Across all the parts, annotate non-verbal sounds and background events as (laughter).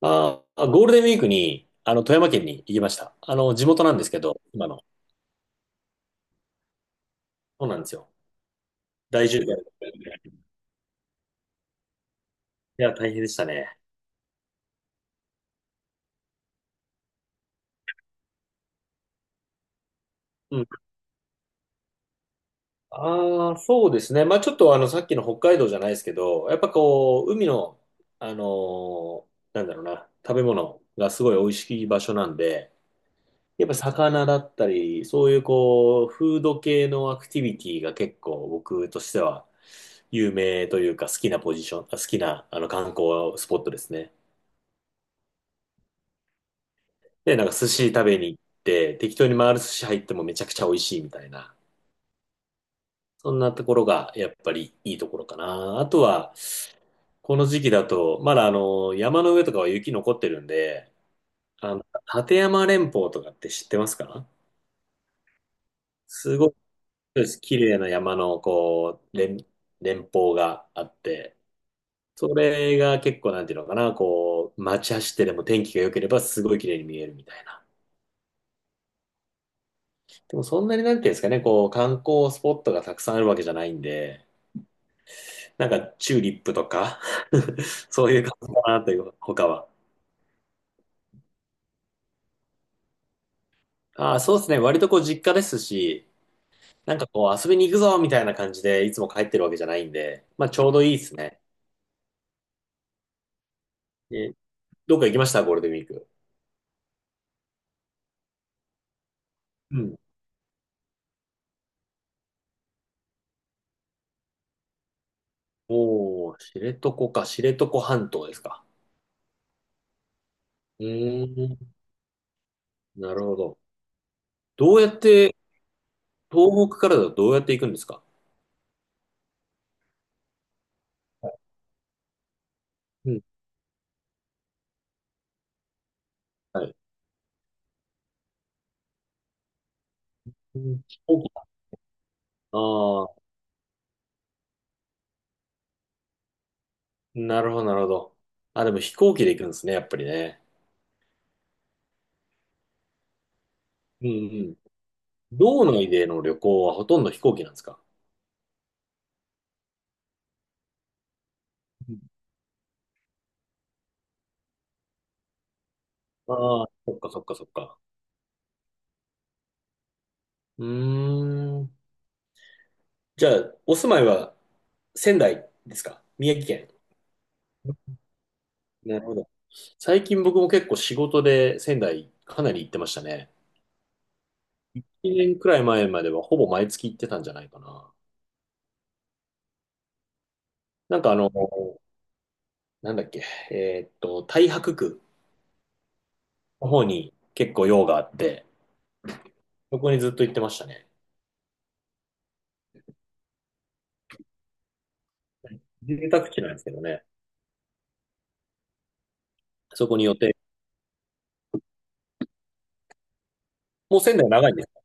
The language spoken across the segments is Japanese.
ああ、ゴールデンウィークに、富山県に行きました。地元なんですけど、今の。そうなんですよ。大渋滞。いや、大変でしたね。うん。ああ、そうですね。まあ、ちょっと、さっきの北海道じゃないですけど、やっぱこう、海の、あのーなんだろうな、食べ物がすごい美味しい場所なんで、やっぱ魚だったり、そういうこう、フード系のアクティビティが結構僕としては有名というか好きなポジション、あ好きな観光スポットですね。で、なんか寿司食べに行って、適当に回る寿司入ってもめちゃくちゃ美味しいみたいな。そんなところがやっぱりいいところかな。あとは、この時期だと、まだ、山の上とかは雪残ってるんで、あの、立山連峰とかって知ってますか？すごく綺麗な山のこう、連峰があって、それが結構なんていうのかな、こう、街走ってでも天気が良ければすごい綺麗に見えるみたいな。でもそんなになんていうんですかね、こう、観光スポットがたくさんあるわけじゃないんで、なんかチューリップとか (laughs) そういう感じかなという、他は。ああ、そうですね。割とこう実家ですし、なんかこう遊びに行くぞみたいな感じでいつも帰ってるわけじゃないんで、まあちょうどいいですね。え、どっか行きましたゴールデンウィーク？うん。おー、知床か、知床半島ですか？うーん、なるほど。どうやって、東北からだとどうやって行くんですか？はい。うん。はい。うん、飛行機。ああ、なるほど、なるほど。あ、でも飛行機で行くんですね、やっぱりね。うん、うん。道内での旅行はほとんど飛行機なんですか？うん。ああー、そっかそっかそっか。うーん。じゃあ、お住まいは仙台ですか、宮城県？なるほど。最近僕も結構仕事で仙台かなり行ってましたね。1年くらい前まではほぼ毎月行ってたんじゃないかな。なんかあの、なんだっけ、えーっと、太白区の方に結構用があって、そこにずっと行ってましたね。住宅地なんですけどね。そこに予定。もう仙台長いんですか？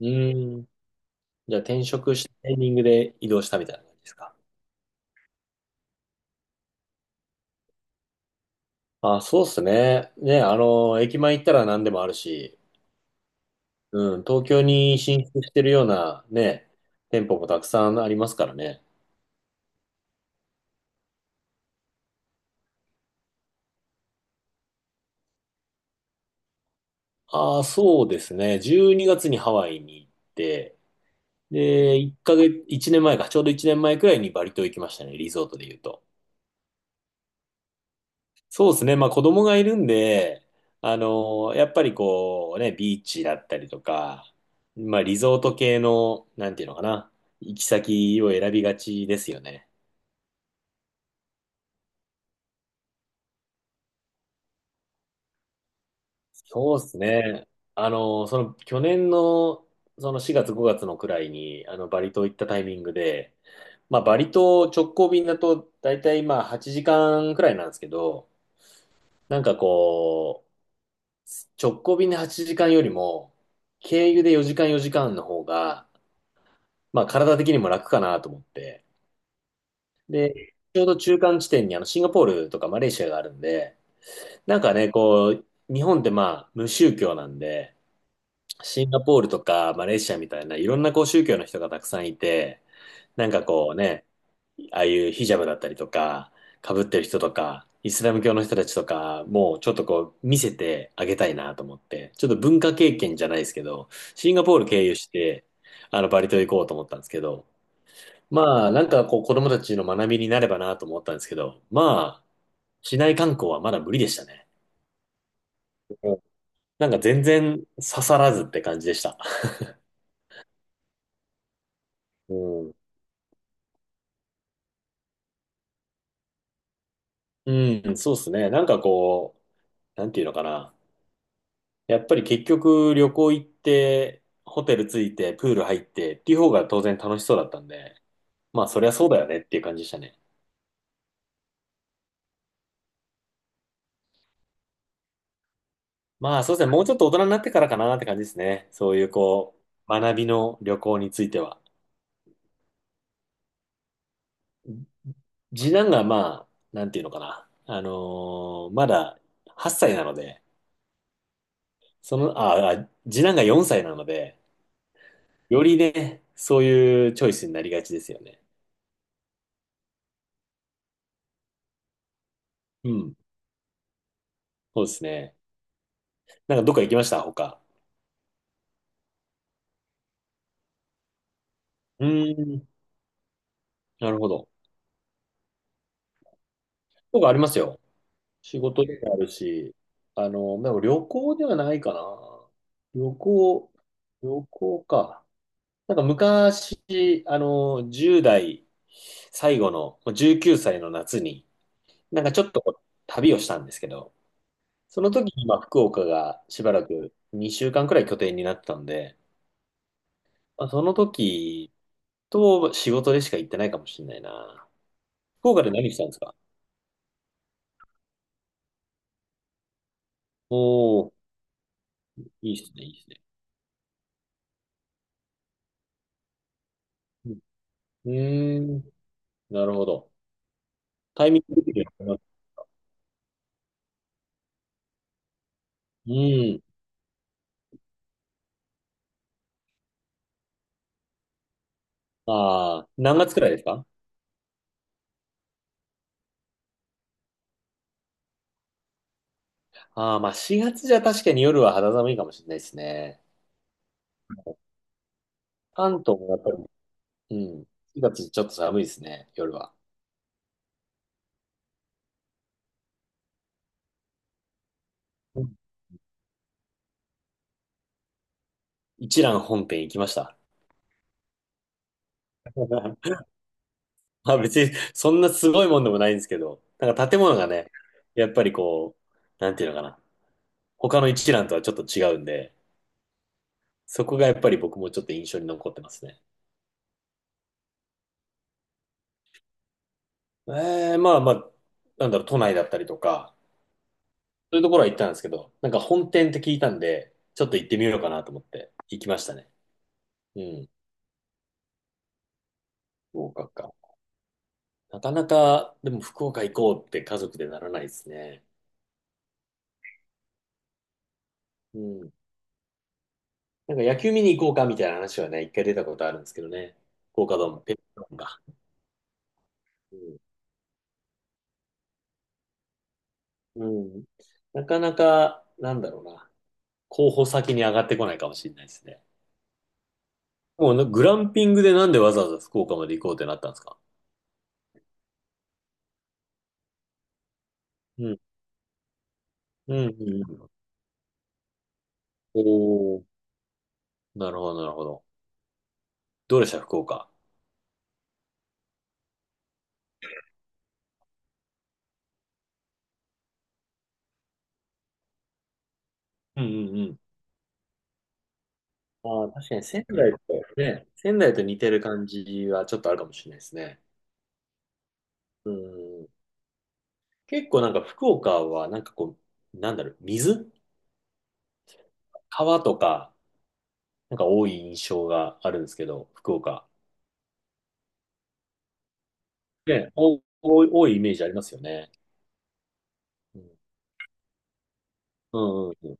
うーん。じゃあ転職したタイミングで移動したみたいな感じですか。あ、そうっすね。ね、あの、駅前行ったら何でもあるし、うん、東京に進出してるようなね、店舗もたくさんありますからね。ああ、そうですね。12月にがつにハワイに行って、で、1ヶ月、1年前か、ちょうど1年前くらいにバリ島行きましたね、リゾートで言うと。そうですね。まあ子供がいるんで、あのやっぱりこうね、ビーチだったりとか、まあリゾート系の、なんていうのかな、行き先を選びがちですよね。そうですね。去年のその4月5月のくらいに、あのバリ島行ったタイミングで、まあバリ島直行便だと大体まあ8時間くらいなんですけど、なんかこう、直行便で8時間よりも、経由で4時間の方が、まあ体的にも楽かなと思って、ちょうど中間地点にあのシンガポールとかマレーシアがあるんで、なんかね、こう、日本ってまあ無宗教なんで、シンガポールとかマレーシアみたいないろんなこう宗教の人がたくさんいて、なんかこうね、ああいうヒジャブだったりとか、被ってる人とか、イスラム教の人たちとか、もうちょっとこう見せてあげたいなと思って、ちょっと文化経験じゃないですけど、シンガポール経由して、あのバリ島行こうと思ったんですけど、まあ、なんかこう子供たちの学びになればなと思ったんですけど、まあ、市内観光はまだ無理でしたね。うん。なんか全然刺さらずって感じでした。うん、うん、そうですね。なんかこう、なんていうのかな。やっぱり結局旅行行って、ホテル着いて、プール入ってっていう方が当然楽しそうだったんで、まあそりゃそうだよねっていう感じでしたね。まあそうですね。もうちょっと大人になってからかなって感じですね。そういうこう、学びの旅行については。次男がまあ、なんていうのかな。あのーまだ8歳なので、その、ああ、次男が4歳なので、よりね、そういうチョイスになりがちですよね。うん。そうですね。なんかどっか行きました他。うーん。なるほど。僕ありますよ。仕事でもあるし、あの、でも旅行ではないかな。旅行、旅行か。なんか昔、あの、10代最後の、19歳の夏に、なんかちょっとこう旅をしたんですけど、その時にまあ福岡がしばらく2週間くらい拠点になってたんで、まあ、その時と仕事でしか行ってないかもしれないな。福岡で何したんですか？おおー、いいっすね、いいっすね。うん、うーん。なるほど。タイミング的には、うん。ああ、何月くらいですか？ああ、まあ4月じゃ確かに夜は肌寒いかもしれないですね。関東もやっぱり、うん、4月ちょっと寒いですね、夜は。うん。一蘭本店行きました。(laughs) (laughs) まあ別にそんなすごいもんでもないんですけど、なんか建物がね、やっぱりこう、なんていうのかな、他の一覧とはちょっと違うんで、そこがやっぱり僕もちょっと印象に残ってますね。えー、まあまあ、なんだろう、都内だったりとか、そういうところは行ったんですけど、なんか本店って聞いたんで、ちょっと行ってみようかなと思って行きましたね。うん、福岡か。なかなか、でも福岡行こうって家族でならないですね。うん。なんか野球見に行こうかみたいな話はね、一回出たことあるんですけどね。福岡ドーム、ペットドームか。うん。うん。なかなか、なんだろうな。候補先に上がってこないかもしれないですね。もうなグランピングでなんでわざわざ福岡まで行こうってなったんですか？うん。うん、うんうん。おお、なるほど、なるほど。どうでした福岡？うんうんうん。ああ、確かに仙台と、ね、仙台と似てる感じはちょっとあるかもしれないですね。うん。結構なんか福岡はなんかこう、なんだろう、水川とか、なんか多い印象があるんですけど、福岡。ね、お多い、お多いイメージありますよね。うん、うん、うん。